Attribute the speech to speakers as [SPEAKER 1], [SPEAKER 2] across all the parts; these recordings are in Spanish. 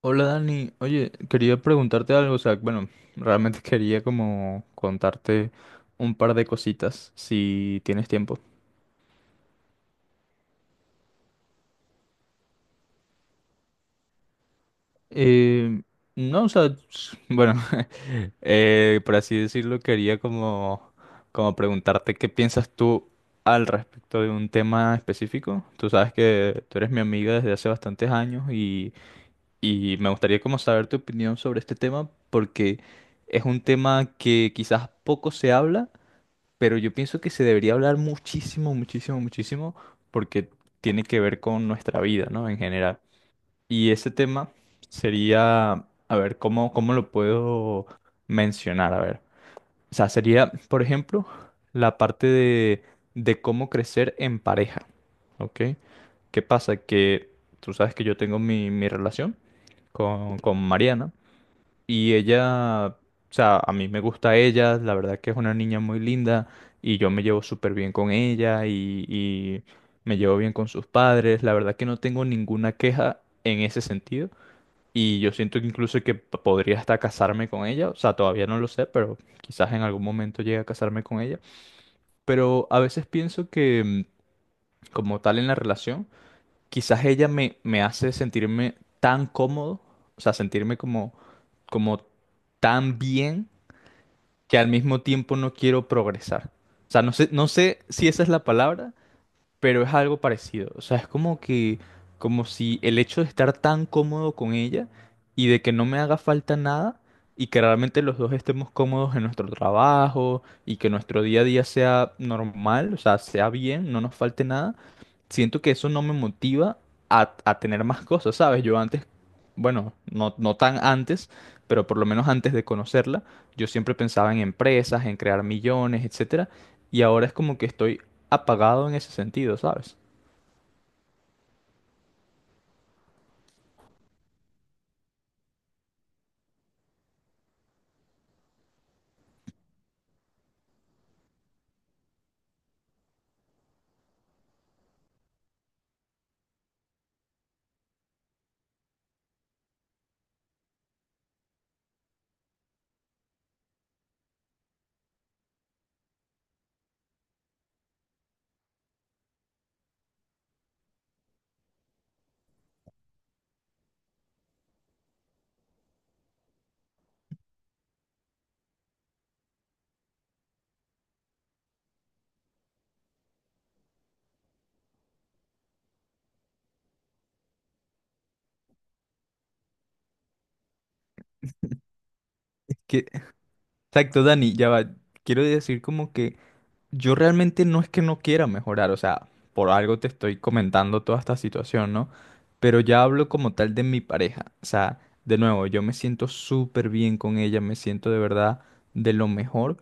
[SPEAKER 1] Hola Dani, oye, quería preguntarte algo, o sea, bueno, realmente quería como contarte un par de cositas, si tienes tiempo. Eh, no, o sea, bueno, por así decirlo, quería como, como preguntarte qué piensas tú al respecto de un tema específico. Tú sabes que tú eres mi amiga desde hace bastantes años y me gustaría como saber tu opinión sobre este tema porque es un tema que quizás poco se habla, pero yo pienso que se debería hablar muchísimo, muchísimo, muchísimo, porque tiene que ver con nuestra vida, ¿no? En general. Y ese tema sería, a ver, ¿cómo, cómo lo puedo mencionar? A ver, o sea, sería, por ejemplo, la parte de cómo crecer en pareja, ¿ok? ¿Qué pasa? Que tú sabes que yo tengo mi relación con Mariana. Y ella, o sea, a mí me gusta ella, la verdad que es una niña muy linda y yo me llevo súper bien con ella y me llevo bien con sus padres, la verdad que no tengo ninguna queja en ese sentido y yo siento que incluso que podría hasta casarme con ella, o sea, todavía no lo sé, pero quizás en algún momento llegue a casarme con ella, pero a veces pienso que como tal en la relación, quizás ella me hace sentirme tan cómodo, o sea, sentirme como, como tan bien que al mismo tiempo no quiero progresar. O sea, no sé, no sé si esa es la palabra, pero es algo parecido. O sea, es como que, como si el hecho de estar tan cómodo con ella y de que no me haga falta nada y que realmente los dos estemos cómodos en nuestro trabajo y que nuestro día a día sea normal, o sea, sea bien, no nos falte nada, siento que eso no me motiva a tener más cosas, ¿sabes? Yo antes, bueno, no, no tan antes, pero por lo menos antes de conocerla, yo siempre pensaba en empresas, en crear millones, etcétera. Y ahora es como que estoy apagado en ese sentido, ¿sabes? Que, exacto, Dani, ya va. Quiero decir como que yo realmente no es que no quiera mejorar, o sea, por algo te estoy comentando toda esta situación, ¿no? Pero ya hablo como tal de mi pareja, o sea, de nuevo, yo me siento súper bien con ella, me siento de verdad de lo mejor,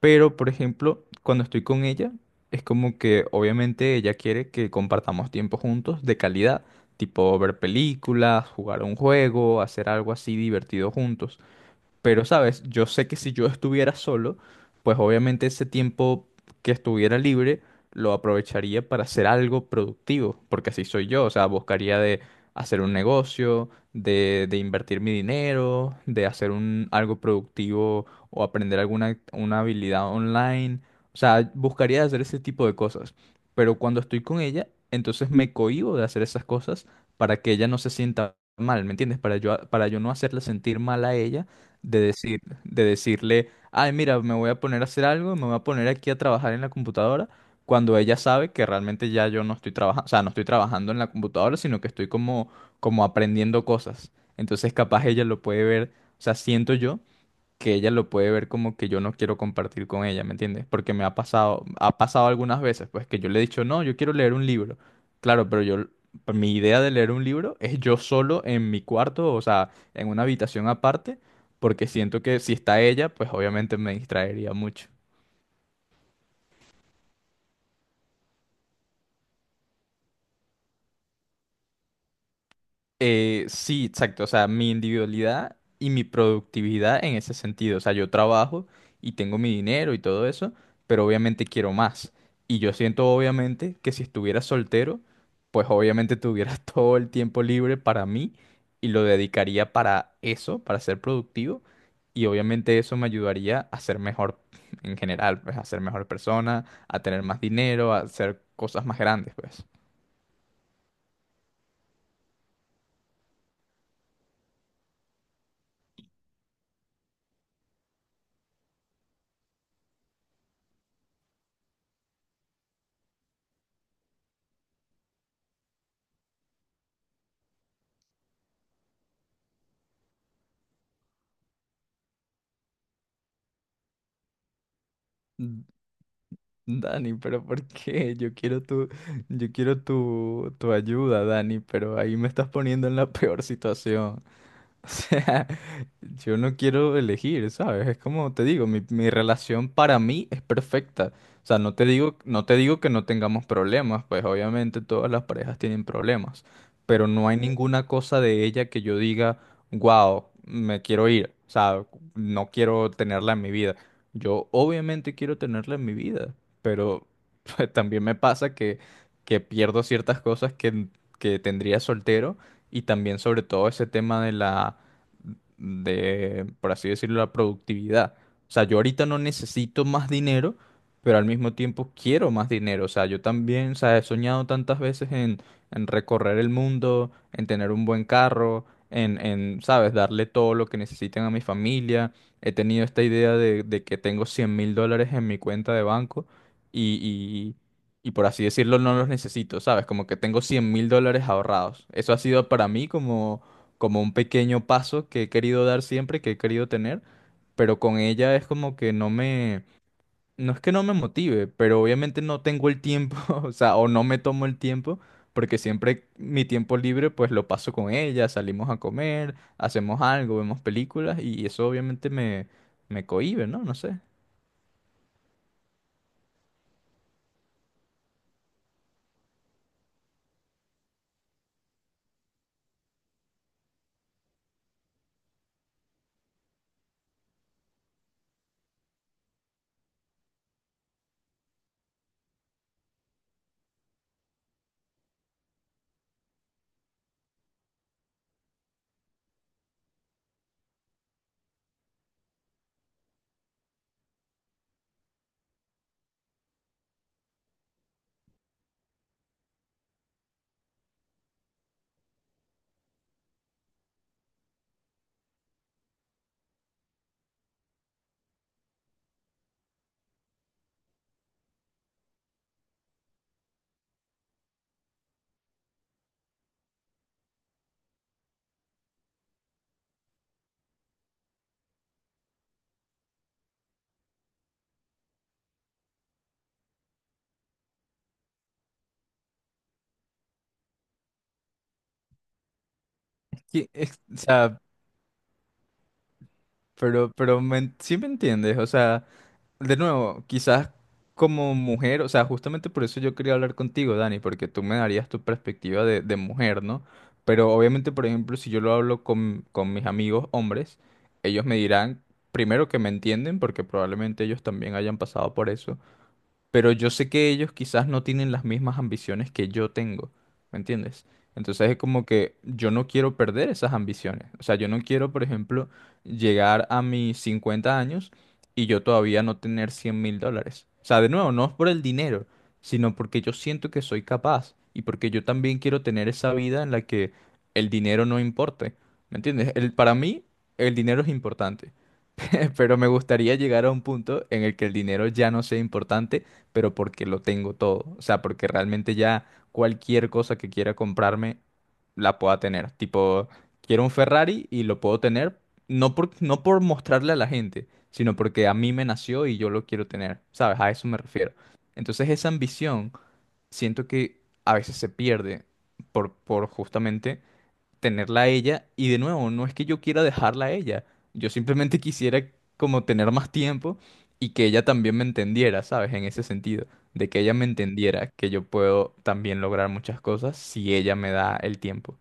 [SPEAKER 1] pero por ejemplo, cuando estoy con ella, es como que obviamente ella quiere que compartamos tiempo juntos de calidad, tipo ver películas, jugar un juego, hacer algo así divertido juntos. Pero, ¿sabes? Yo sé que si yo estuviera solo, pues obviamente ese tiempo que estuviera libre lo aprovecharía para hacer algo productivo, porque así soy yo, o sea, buscaría de hacer un negocio, de invertir mi dinero, de hacer un, algo productivo o aprender alguna una habilidad online, o sea, buscaría hacer ese tipo de cosas. Pero cuando estoy con ella, entonces me cohíbo de hacer esas cosas para que ella no se sienta mal, ¿me entiendes? Para yo no hacerla sentir mal a ella de decir, de decirle, ay, mira, me voy a poner a hacer algo, me voy a poner aquí a trabajar en la computadora, cuando ella sabe que realmente ya yo no estoy trabajando, o sea, no estoy trabajando en la computadora, sino que estoy como, como aprendiendo cosas. Entonces, capaz ella lo puede ver, o sea, siento yo que ella lo puede ver como que yo no quiero compartir con ella, ¿me entiendes? Porque me ha pasado algunas veces, pues que yo le he dicho, no, yo quiero leer un libro. Claro, pero yo, pues, mi idea de leer un libro es yo solo en mi cuarto, o sea, en una habitación aparte, porque siento que si está ella, pues obviamente me distraería mucho. Sí, exacto. O sea, mi individualidad y mi productividad en ese sentido. O sea, yo trabajo y tengo mi dinero y todo eso, pero obviamente quiero más. Y yo siento obviamente que si estuviera soltero, pues obviamente tuviera todo el tiempo libre para mí y lo dedicaría para eso, para ser productivo. Y obviamente eso me ayudaría a ser mejor en general, pues a ser mejor persona, a tener más dinero, a hacer cosas más grandes, pues. Dani, pero ¿por qué? Yo quiero tu, tu ayuda, Dani, pero ahí me estás poniendo en la peor situación. O sea, yo no quiero elegir, ¿sabes? Es como te digo, mi relación para mí es perfecta. O sea, no te digo que no tengamos problemas, pues obviamente todas las parejas tienen problemas, pero no hay ninguna cosa de ella que yo diga, wow, me quiero ir, o sea, no quiero tenerla en mi vida. Yo obviamente quiero tenerla en mi vida, pero pues, también me pasa que pierdo ciertas cosas que tendría soltero y también sobre todo ese tema de la, de, por así decirlo, la productividad. O sea, yo ahorita no necesito más dinero, pero al mismo tiempo quiero más dinero. O sea, yo también, o sea, he soñado tantas veces en recorrer el mundo, en tener un buen carro, en, ¿sabes?, darle todo lo que necesiten a mi familia. He tenido esta idea de que tengo $100.000 en mi cuenta de banco y, y por así decirlo no los necesito, ¿sabes? Como que tengo $100.000 ahorrados. Eso ha sido para mí como, como un pequeño paso que he querido dar siempre, que he querido tener, pero con ella es como que no me... No es que no me motive, pero obviamente no tengo el tiempo, o sea, o no me tomo el tiempo, porque siempre mi tiempo libre pues lo paso con ella, salimos a comer, hacemos algo, vemos películas y eso obviamente me, me cohíbe, ¿no? No sé. Sí, o sea, pero me, sí me entiendes, o sea... De nuevo, quizás como mujer, o sea, justamente por eso yo quería hablar contigo, Dani, porque tú me darías tu perspectiva de mujer, ¿no? Pero obviamente, por ejemplo, si yo lo hablo con mis amigos hombres, ellos me dirán, primero que me entienden, porque probablemente ellos también hayan pasado por eso, pero yo sé que ellos quizás no tienen las mismas ambiciones que yo tengo, ¿me entiendes? Entonces es como que yo no quiero perder esas ambiciones. O sea, yo no quiero, por ejemplo, llegar a mis 50 años y yo todavía no tener $100.000. O sea, de nuevo, no es por el dinero, sino porque yo siento que soy capaz y porque yo también quiero tener esa vida en la que el dinero no importe, ¿me entiendes? El, para mí, el dinero es importante. Pero me gustaría llegar a un punto en el que el dinero ya no sea importante, pero porque lo tengo todo. O sea, porque realmente ya cualquier cosa que quiera comprarme la pueda tener. Tipo, quiero un Ferrari y lo puedo tener, no por, no por mostrarle a la gente, sino porque a mí me nació y yo lo quiero tener. ¿Sabes? A eso me refiero. Entonces esa ambición siento que a veces se pierde por justamente tenerla a ella y de nuevo, no es que yo quiera dejarla a ella, yo simplemente quisiera como tener más tiempo y que ella también me entendiera, ¿sabes? En ese sentido, de que ella me entendiera que yo puedo también lograr muchas cosas si ella me da el tiempo.